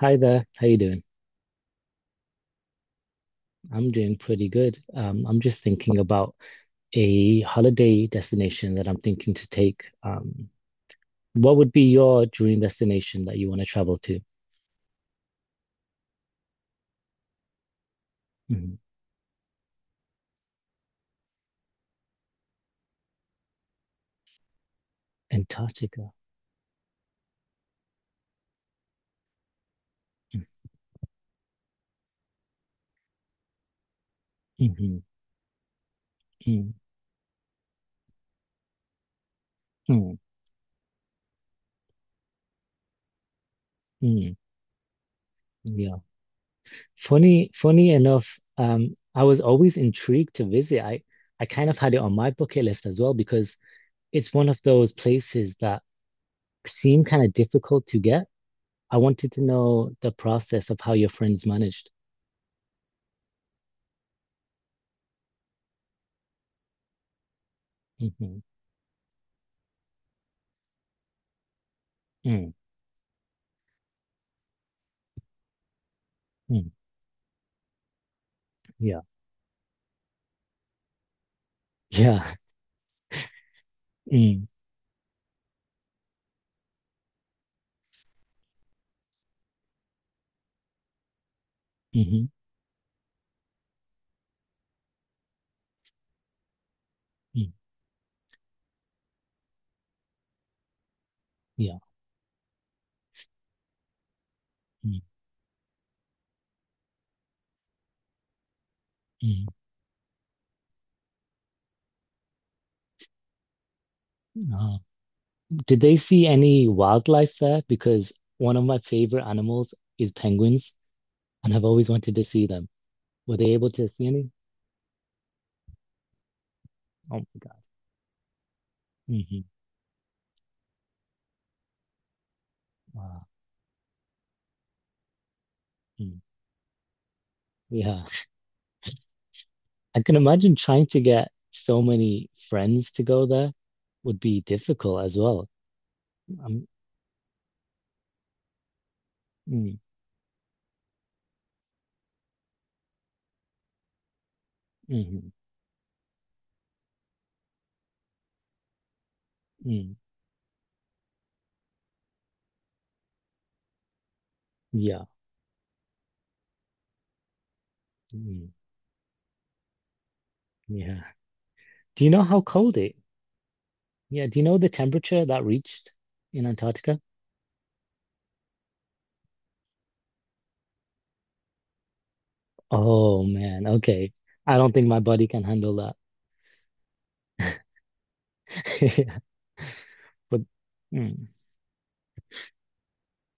Hi there. How you doing? I'm doing pretty good. I'm just thinking about a holiday destination that I'm thinking to take. What would be your dream destination that you want to travel to? Mhm. Antarctica. Mm-hmm. Mm. Mm. Mm. Yeah. Funny enough, I was always intrigued to visit. I kind of had it on my bucket list as well because it's one of those places that seem kind of difficult to get. I wanted to know the process of how your friends managed. Hmm. Mm. Mm. Yeah, yeah. Mm. Hmm. Mm. Yeah. Mm. Mm. Uh, did they see any wildlife there? Because one of my favorite animals is penguins, and I've always wanted to see them. Were they able to see any? Oh my God. Hmm. Wow. Mm. Yeah. I can imagine trying to get so many friends to go there would be difficult as well. Um, mm. Mhm. Mm. Yeah. Mm-hmm. Yeah. Do you know how cold it? Yeah. Do you know the temperature that reached in Antarctica? Oh man. Okay. I don't think my body can handle that. Yeah. But mm,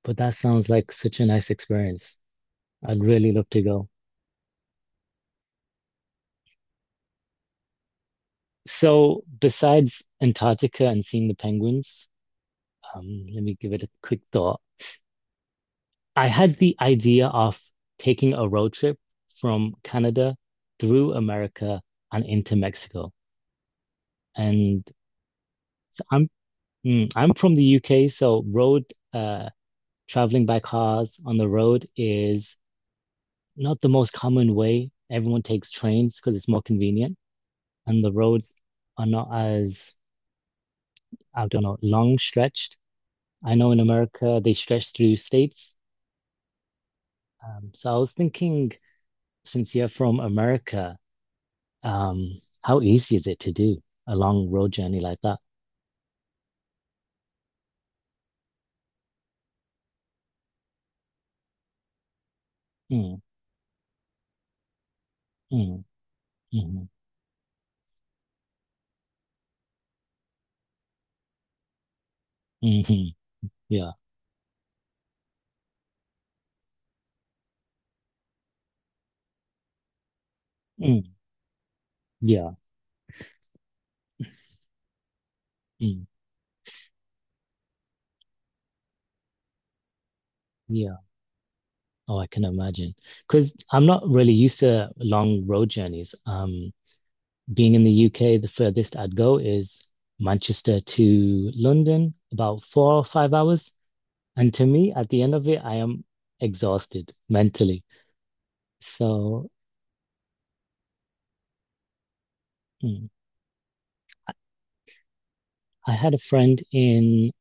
but that sounds like such a nice experience. I'd really love to go. So besides Antarctica and seeing the penguins, let me give it a quick thought. I had the idea of taking a road trip from Canada through America and into Mexico. And so I'm from the UK, so road uh traveling by cars on the road is not the most common way. Everyone takes trains because it's more convenient, and the roads are not as, I don't know, long stretched. I know in America they stretch through states. So I was thinking, since you're from America, um, how easy is it to do a long road journey like that? Mm. Mm. Mm. Mm. Yeah. Mm. Yeah. Mm. Yeah. Oh, I can imagine. Because I'm not really used to long road journeys. Being in the UK, the furthest I'd go is Manchester to London, about 4 or 5 hours. And to me, at the end of it, I am exhausted mentally. So mm, I had a friend in,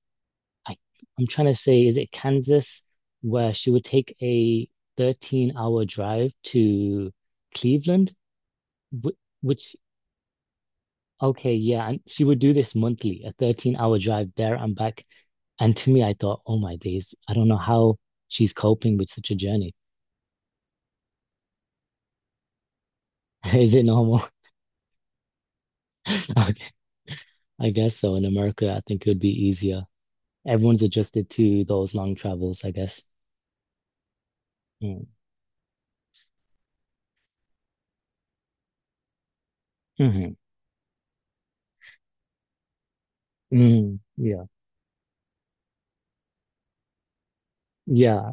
I, I'm trying to say, is it Kansas, where she would take a 13-hour drive to Cleveland, wh- which. Okay, yeah, and she would do this monthly, a 13-hour drive there and back. And to me, I thought, oh my days, I don't know how she's coping with such a journey. Is it normal? Okay, I guess so. In America, I think it would be easier. Everyone's adjusted to those long travels, I guess. Mm. Mhm. Mm. Yeah, yeah,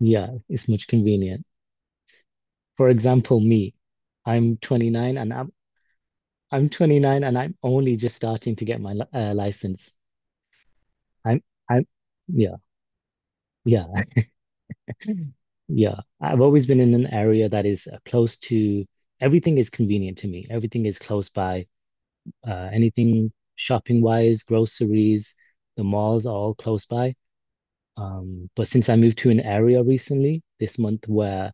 yeah. It's much convenient. For example, me, I'm 29 and I'm I'm 29 and I'm only just starting to get my license. I'm I'm Yeah. Yeah. Yeah, I've always been in an area that is close to, everything is convenient to me. Everything is close by. Anything shopping wise, groceries, the malls are all close by. But since I moved to an area recently this month where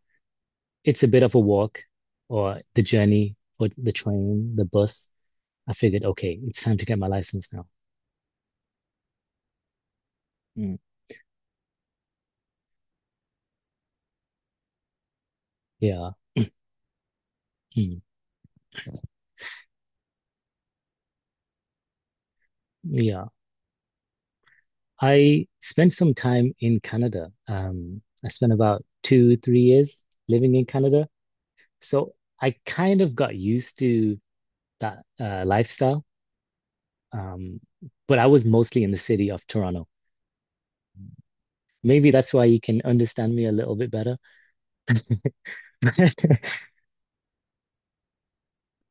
it's a bit of a walk or the journey or the train, the bus, I figured, okay, it's time to get my license now. Mm. Yeah. Mm. Yeah. I spent some time in Canada. I spent about 2, 3 years living in Canada. So I kind of got used to that lifestyle. Um, but I was mostly in the city of Toronto. Maybe that's why you can understand me a little bit better.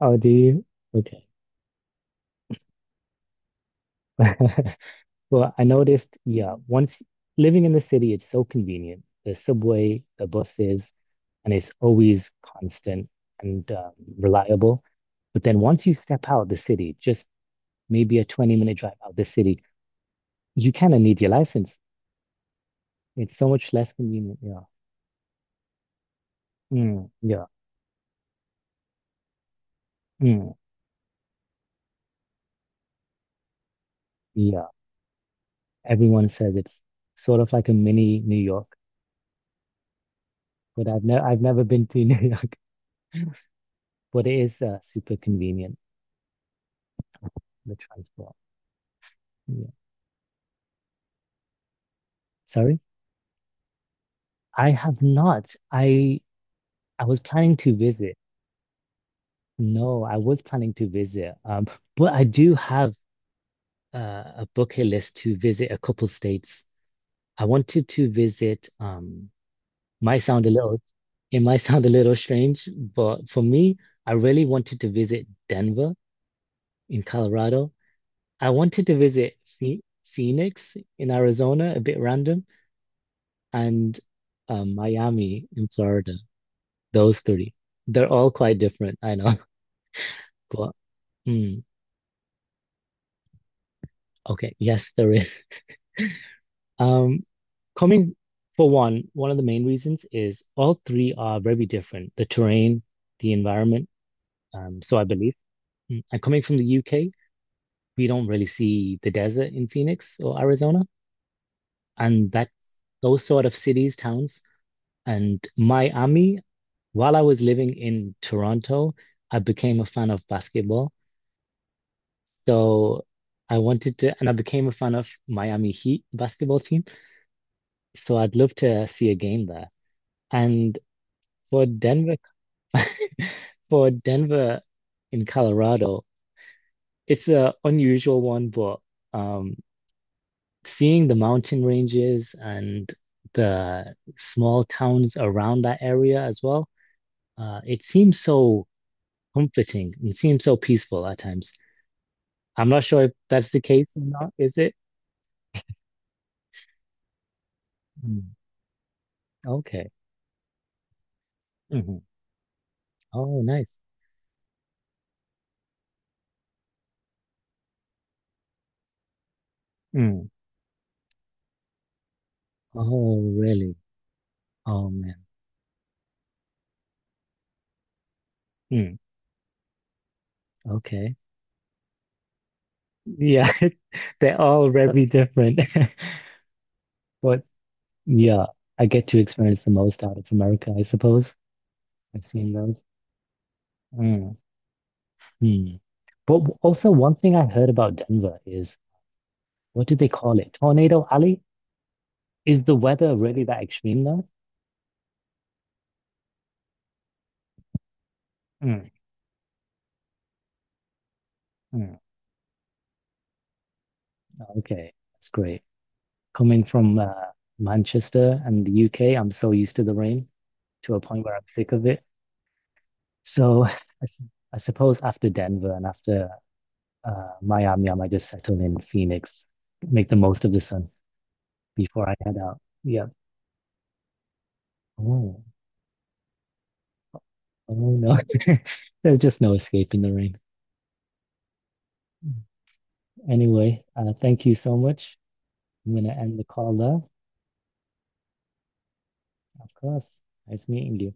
Oh, do you? Okay. Well, I noticed, yeah, once living in the city, it's so convenient. The subway, the buses, and it's always constant and reliable. But then once you step out the city, just maybe a 20-minute drive out the city, you kind of need your license. It's so much less convenient. Yeah. Mm. Yeah. Mm. Yeah. Everyone says it's sort of like a mini New York, but I've never been to New York, but it is super convenient, the transport. Yeah. Sorry? I have not. I was planning to visit. No, I was planning to visit. But I do have uh, a bucket list to visit a couple states. I wanted to visit, might sound a little, it might sound a little strange, but for me, I really wanted to visit Denver in Colorado. I wanted to visit Phe Phoenix in Arizona, a bit random, and Miami in Florida. Those three. They're all quite different, I know. But mm, okay, yes, there is. Um, Coming for one, one of the main reasons is all three are very different, the terrain, the environment, so I believe. Mm. And coming from the UK, we don't really see the desert in Phoenix or Arizona, and that's those sort of cities, towns. And Miami, while I was living in Toronto, I became a fan of basketball. So I wanted to, and I became a fan of Miami Heat basketball team. So I'd love to see a game there. And for Denver. For Denver in Colorado, it's a unusual one, but um, seeing the mountain ranges and the small towns around that area as well, it seems so comforting. It seems so peaceful at times. I'm not sure if that's the case or not, is it? Mm. Okay. Hmm. Oh, nice. Mm. Oh, really? Oh, man. Mm. Okay. Yeah, they're all very different. But yeah, I get to experience the most out of America, I suppose. I've seen those. Mm. Hmm. But also, one thing I heard about Denver is what do they call it? Tornado Alley? Is the weather really that extreme though? Mm. Mm. Okay, that's great. Coming from Manchester and the UK, I'm so used to the rain to a point where I'm sick of it. So s- I suppose after Denver and after Miami, I might just settle in Phoenix, make the most of the sun before I head out. Yeah. Oh, oh no. There's just no escaping the rain. Anyway, thank you so much. I'm going to end the call there. Of course. Nice meeting you.